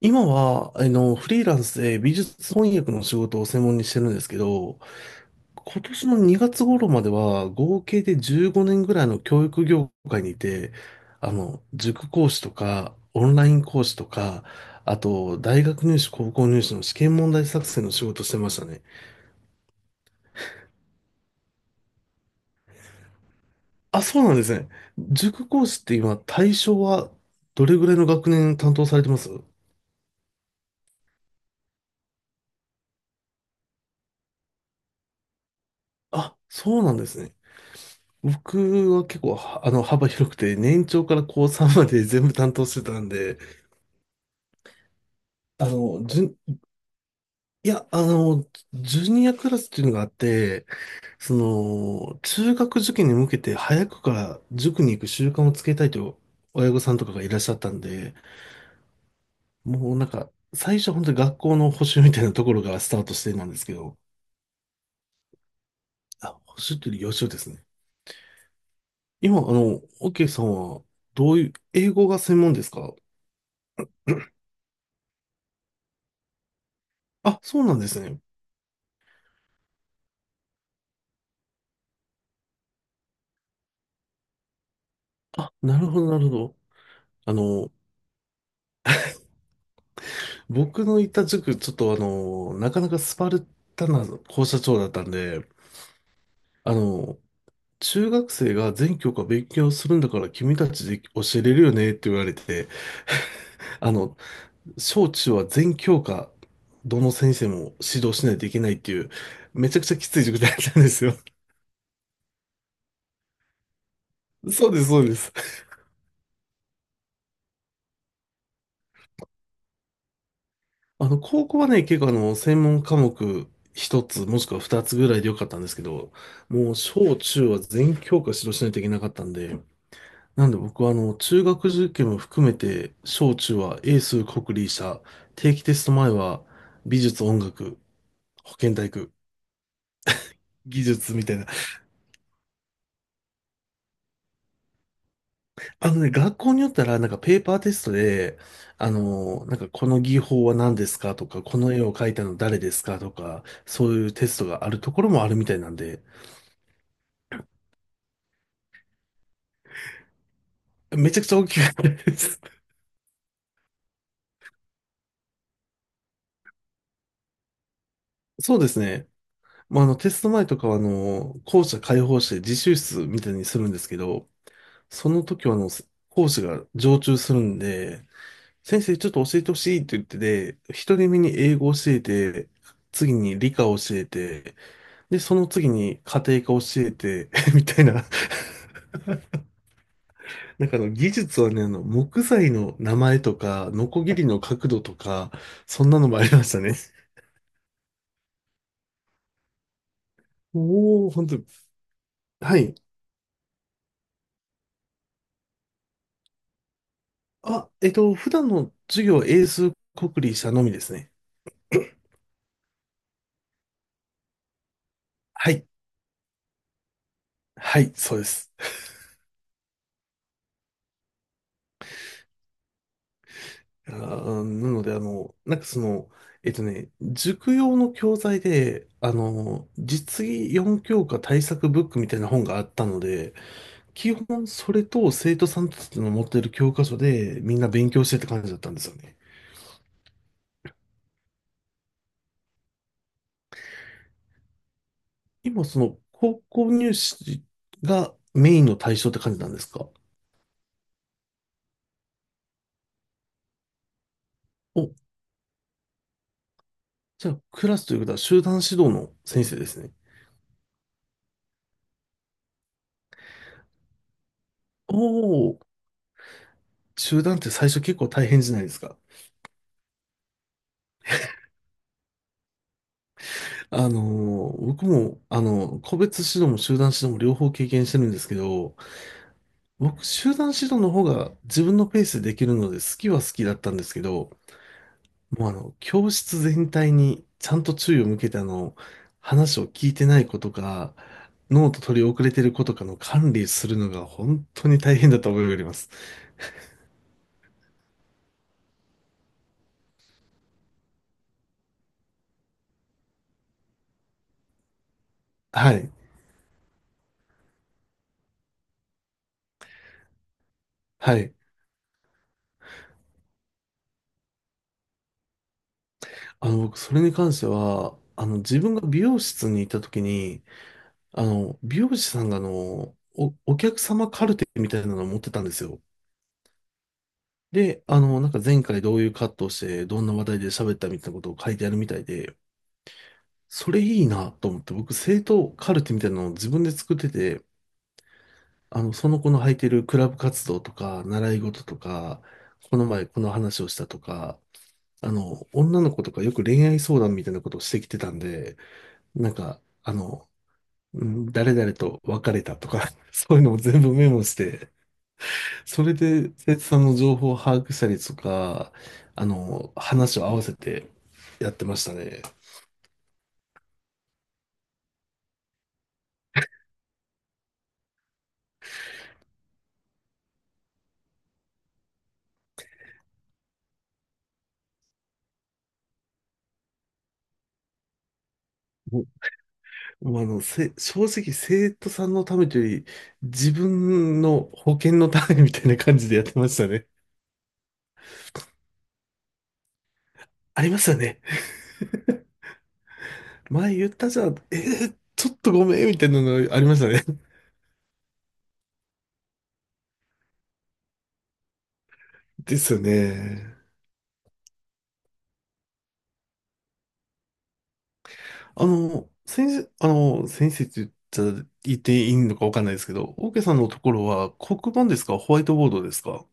今は、フリーランスで美術翻訳の仕事を専門にしてるんですけど、今年の2月頃までは合計で15年ぐらいの教育業界にいて、塾講師とか、オンライン講師とか、あと、大学入試、高校入試の試験問題作成の仕事してましたね。あ、そうなんですね。塾講師って今、対象はどれぐらいの学年担当されてます？あ、そうなんですね。僕は結構、はあの、幅広くて、年長から高3まで全部担当してたんで、あの、じゅん、いや、あの、ジュニアクラスっていうのがあって、その、中学受験に向けて早くから塾に行く習慣をつけたいという親御さんとかがいらっしゃったんで、もうなんか、最初は本当に学校の補習みたいなところがスタートしてなんですけど、あ、補習というより予習ですね。今、オッケーさんは、どういう、英語が専門ですか？あ、そうなんですね。あ、なるほど、なるほど。あの、僕のいた塾、ちょっとあの、なかなかスパルタな校舎長だったんで、あの、中学生が全教科勉強するんだから君たちで教えれるよねって言われて、あの、小中は全教科、どの先生も指導しないといけないっていう、めちゃくちゃきつい塾だったんですよ。そうです、そうです。高校はね、結構あの、専門科目一つ、もしくは二つぐらいでよかったんですけど、もう小中は全教科指導しないといけなかったんで、なんで僕は中学受験も含めて、小中は英数国理社、定期テスト前は美術音楽、保健体育、技術みたいな。あのね、学校によったらなんかペーパーテストで、なんかこの技法は何ですかとか、この絵を描いたの誰ですかとか、そういうテストがあるところもあるみたいなんで、めちゃくちゃ大きくったです。そうですね。まあ、テスト前とかは校舎開放して自習室みたいにするんですけど、その時は講師が常駐するんで、先生ちょっと教えてほしいって言ってて、一人目に英語教えて、次に理科教えて、で、その次に家庭科教えて、みたいな。技術はね、木材の名前とか、ノコギリの角度とか、そんなのもありましたね。おお、本当。はい。あ、えっと、普段の授業は英数国理社のみですね。はい。はい、そうです。あーなので、塾用の教材で、実技4教科対策ブックみたいな本があったので、基本それと生徒さんたちの持ってる教科書でみんな勉強してって感じだったんですよね。今その高校入試がメインの対象って感じなんですか？お、じゃあクラスということは集団指導の先生ですね。おお、集団って最初結構大変じゃないですか。あの僕も、個別指導も集団指導も両方経験してるんですけど、僕、集団指導の方が自分のペースでできるので好きは好きだったんですけど、もうあの、教室全体にちゃんと注意を向けて話を聞いてない子とか、ノート取り遅れてる子とかの管理するのが本当に大変だと思いがあります。はい。はい。僕、それに関しては、自分が美容室に行った時に、美容師さんがお客様カルテみたいなのを持ってたんですよ。で、前回どういうカットをして、どんな話題で喋ったみたいなことを書いてあるみたいで、それいいなと思って、僕、生徒カルテみたいなのを自分で作ってて、その子の履いてるクラブ活動とか、習い事とか、この前この話をしたとか、女の子とかよく恋愛相談みたいなことをしてきてたんで、なんか、あの、うん誰々と別れたとか、そういうのを全部メモして、それで、生徒さんの情報を把握したりとか、話を合わせてやってましたね。もう、もうあの、せ、正直生徒さんのためというより、自分の保険のためみたいな感じでやってましたね。ありましたね。前言ったじゃん。ちょっとごめん、みたいなのありましたね。ですよね。先生って言ったら言っていいのかわかんないですけど、オーケーさんのところは黒板ですか、ホワイトボードですか？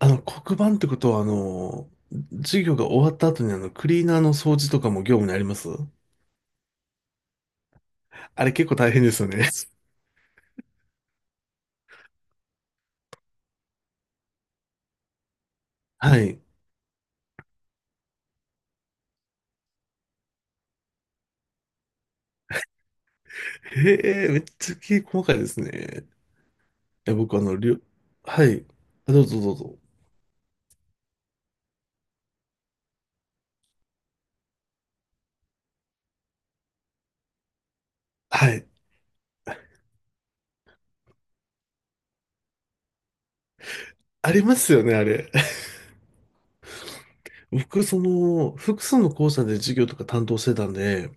黒板ってことは、授業が終わった後にクリーナーの掃除とかも業務にあります？あれ結構大変ですよね。はい。へえ、めっちゃ細かいですね。え、僕あの、りょ、はい。あ、どうぞどうぞ。はい。ありますよね、あれ。僕、その、複数の校舎で授業とか担当してたんで、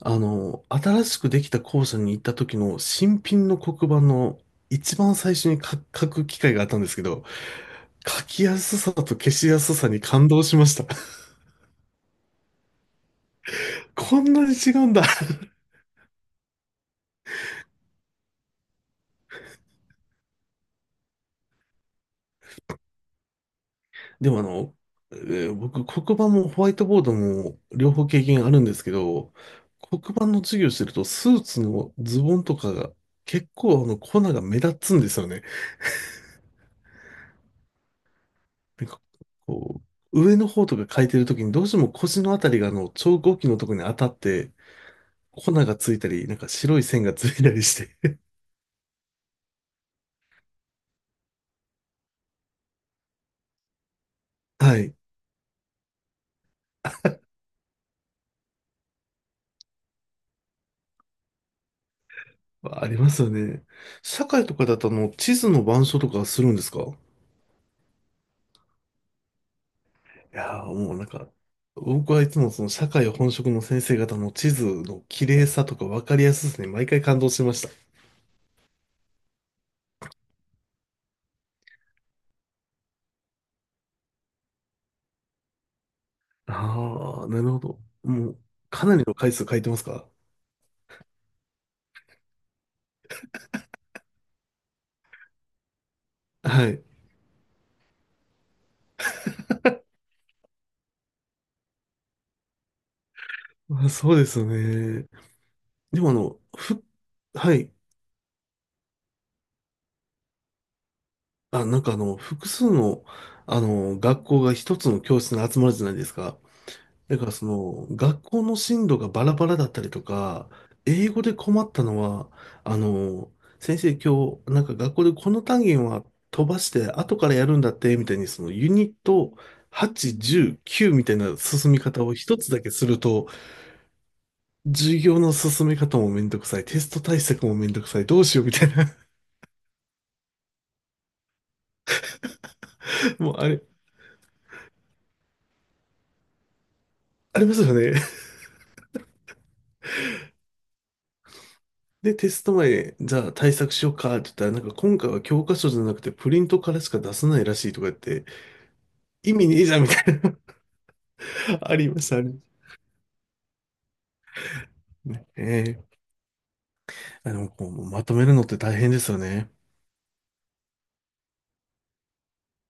新しくできた校舎に行った時の新品の黒板の一番最初に書く機会があったんですけど、書きやすさと消しやすさに感動しました。こんなに違うんだ。でもあの、えー僕、黒板もホワイトボードも両方経験あるんですけど、黒板の授業してるとスーツのズボンとかが結構あの粉が目立つんですよね。なんかこ上の方とか書いてるときにどうしても腰のあたりがあの超合金のとこに当たって粉がついたり、なんか白い線がついたりして。はい。ありますよね。社会とかだとあの地図の板書とかするんですか？いやー、もうなんか、僕はいつもその社会本職の先生方の地図の綺麗さとか分かりやすさに毎回感動してました。ああ、なるほど。もう、かなりの回数書いてますか？はい。あ、そうですよね。でもあの、ふ、はい。あ、なんかあの、複数の、あの、学校が一つの教室に集まるじゃないですか。だからその、学校の進路がバラバラだったりとか、英語で困ったのは、あの、先生今日、なんか学校でこの単元は飛ばして後からやるんだって、みたいにそのユニット8、10、9みたいな進み方を一つだけすると、授業の進め方もめんどくさい、テスト対策もめんどくさい、どうしようみたいな、もうあれ、ありますよね。で、テスト前、じゃあ対策しようかって言ったら、なんか今回は教科書じゃなくてプリントからしか出せないらしいとか言って、意味ねえじゃんみたいな ありましたね。ええ、あの、こうまとめるのって大変ですよね。